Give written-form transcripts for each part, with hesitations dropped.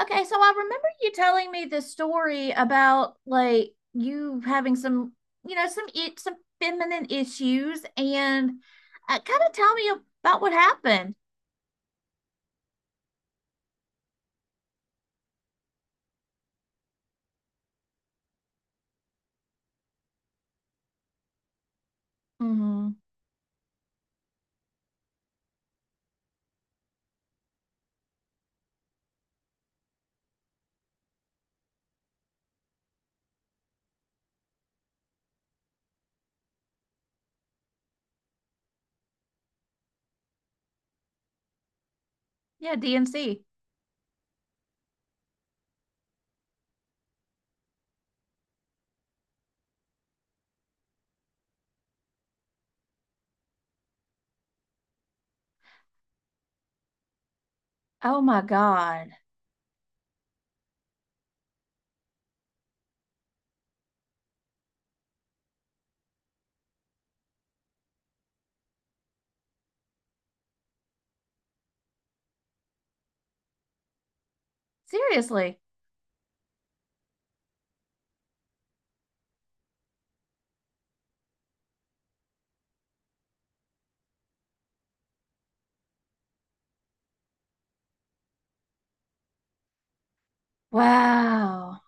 Okay, so I remember you telling me this story about like you having some, you know, some I- some feminine issues, and kind of tell me about what happened. Hmm. Yeah, DNC. Oh my God. Seriously. Wow.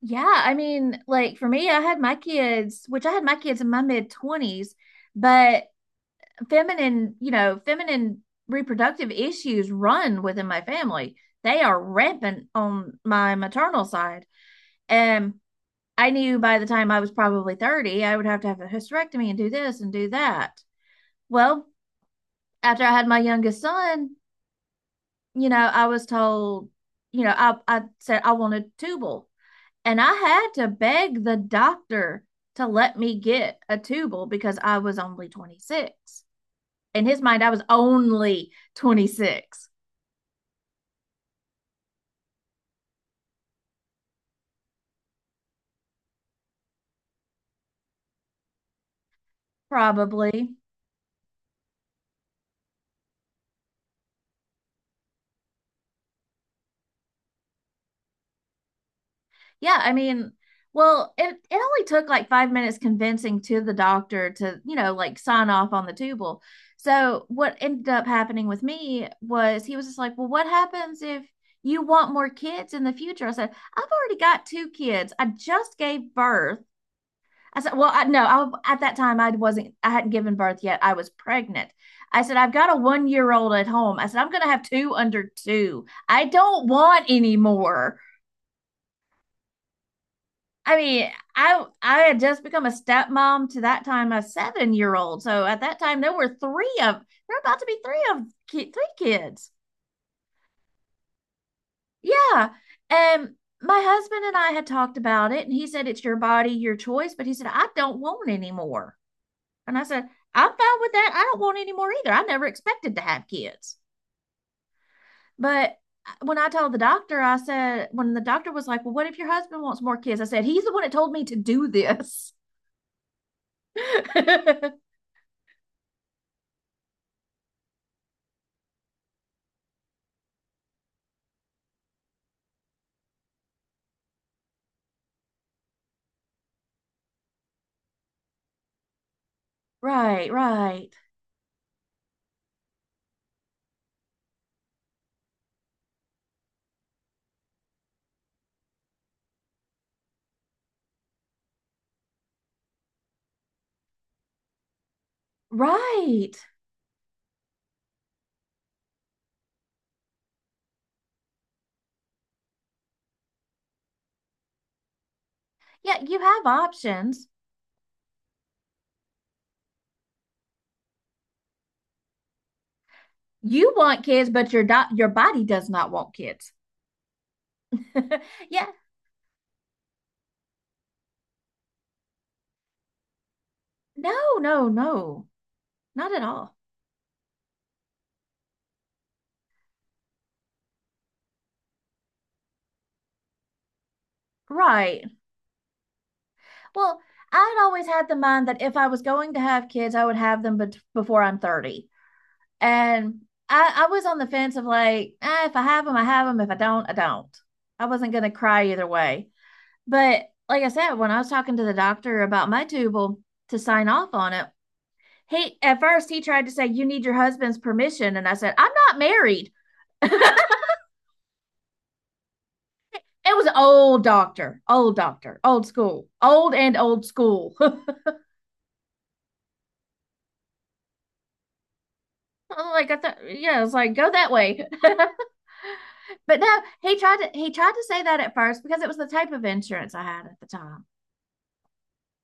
Yeah, I mean, like for me, I had my kids, which I had my kids in my mid 20s, but feminine reproductive issues run within my family. They are rampant on my maternal side. And I knew by the time I was probably 30, I would have to have a hysterectomy and do this and do that. Well, after I had my youngest son, I was told, I said I wanted tubal. And I had to beg the doctor to let me get a tubal because I was only 26. In his mind, I was only 26. Probably. Yeah, I mean, well, it only took like 5 minutes convincing to the doctor to, like sign off on the tubal. So what ended up happening with me was he was just like, "Well, what happens if you want more kids in the future?" I said, "I've already got two kids. I just gave birth." I said, "Well, I no, I at that time I hadn't given birth yet. I was pregnant." I said, "I've got a 1 year old at home." I said, "I'm gonna have two under two. I don't want any more." I mean, I had just become a stepmom to that time a 7 year old. So at that time there were about to be three kids. Yeah, and my husband and I had talked about it, and he said it's your body, your choice. But he said I don't want any more, and I said I'm fine with that. I don't want any more either. I never expected to have kids, but when I told the doctor, I said when the doctor was like, "Well, what if your husband wants more kids?" I said he's the one that told me to do this. Right, right, right. Yeah, you have options. You want kids, but your body does not want kids. Yeah, no, no, no, not at all. Right. Well, I'd always had the mind that if I was going to have kids, I would have them bet before I'm 30. And I was on the fence of like, if I have them, I have them. If I don't, I don't. I wasn't going to cry either way. But like I said, when I was talking to the doctor about my tubal to sign off on it, he at first he tried to say you need your husband's permission, and I said I'm not married. it was an old doctor, old school. like, I thought, yeah, it's like go that way. but no, he tried to say that at first because it was the type of insurance I had at the time.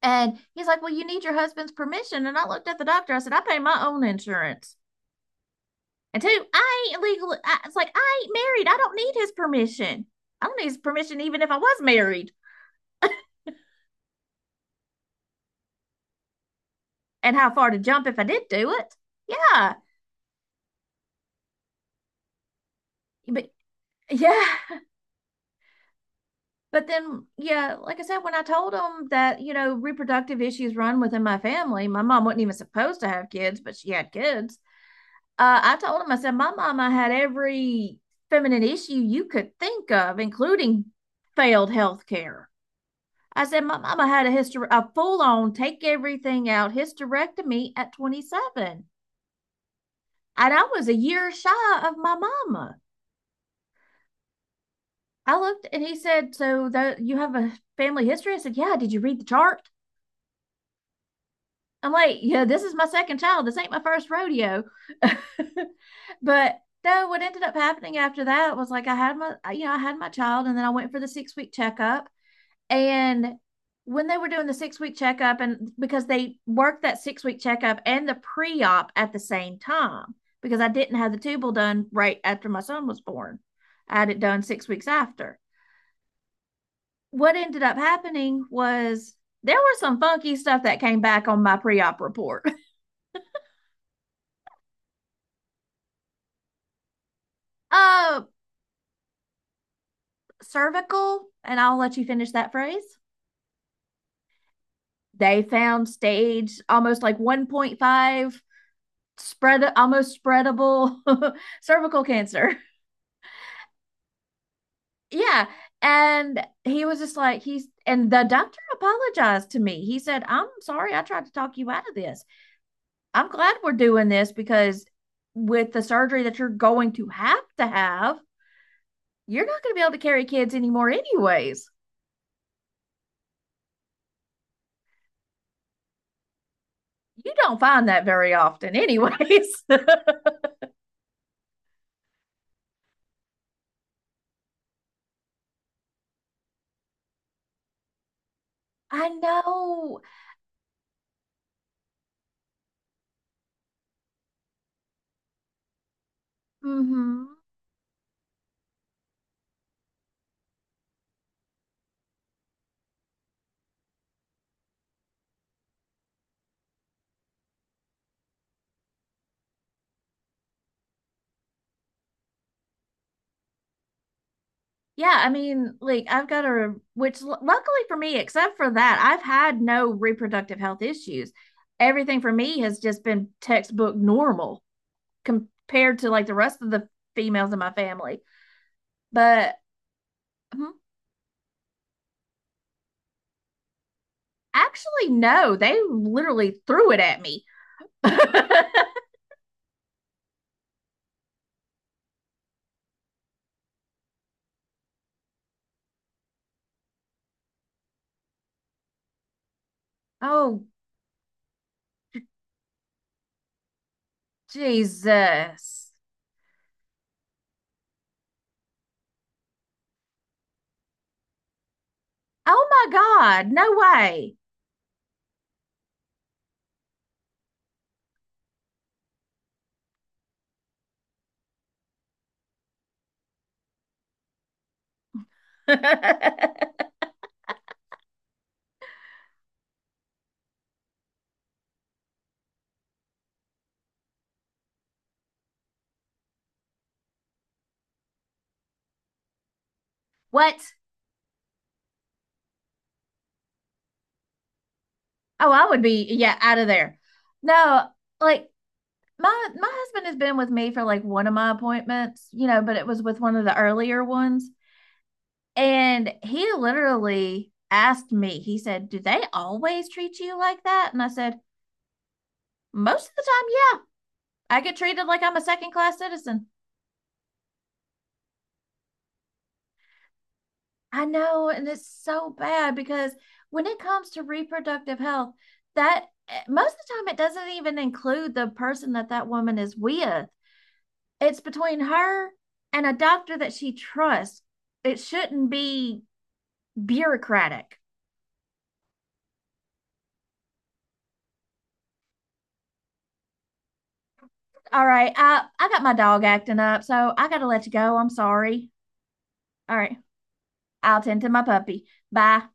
And he's like, "Well, you need your husband's permission." And I looked at the doctor. I said, "I pay my own insurance, and two, I ain't legal. It's like I ain't married, I don't need his permission. I don't need his permission even if I was married, and how far to jump if I did do it." Yeah. But yeah. But then, yeah, like I said, when I told them that, reproductive issues run within my family. My mom wasn't even supposed to have kids, but she had kids. I told him, I said, my mama had every feminine issue you could think of, including failed health care. I said, my mama had a a full on take everything out hysterectomy at 27. And I was a year shy of my mama. I looked and he said, "So that you have a family history?" I said, "Yeah, did you read the chart?" I'm like, "Yeah, this is my second child. This ain't my first rodeo." but no, what ended up happening after that was like I had my child, and then I went for the 6 week checkup. And when they were doing the 6 week checkup, and because they worked that 6 week checkup and the pre op at the same time, because I didn't have the tubal done right after my son was born. I had it done 6 weeks after. What ended up happening was there was some funky stuff that came back on my pre-op report. Uh, Cervical, and I'll let you finish that phrase. They found stage almost like 1.5 spread, almost spreadable cervical cancer. Yeah, and he was just like he's and the doctor apologized to me. He said, "I'm sorry, I tried to talk you out of this. I'm glad we're doing this because with the surgery that you're going to have, you're not going to be able to carry kids anymore, anyways." You don't find that very often, anyways. I know. Hmm. Yeah, I mean, like, which luckily for me, except for that, I've had no reproductive health issues. Everything for me has just been textbook normal compared to like the rest of the females in my family. But, mhm. Actually, no, they literally threw it at me. Oh, Jesus. Oh my God, no way. what? Oh, I would be, yeah, out of there. No, like my husband has been with me for like one of my appointments, but it was with one of the earlier ones. And he literally asked me. He said, "Do they always treat you like that?" And I said, "Most of the time, yeah. I get treated like I'm a second class citizen." I know, and it's so bad because when it comes to reproductive health, most of the time it doesn't even include the person that that woman is with. It's between her and a doctor that she trusts. It shouldn't be bureaucratic. All right, I got my dog acting up, so I got to let you go. I'm sorry. All right, I'll tend to my puppy. Bye.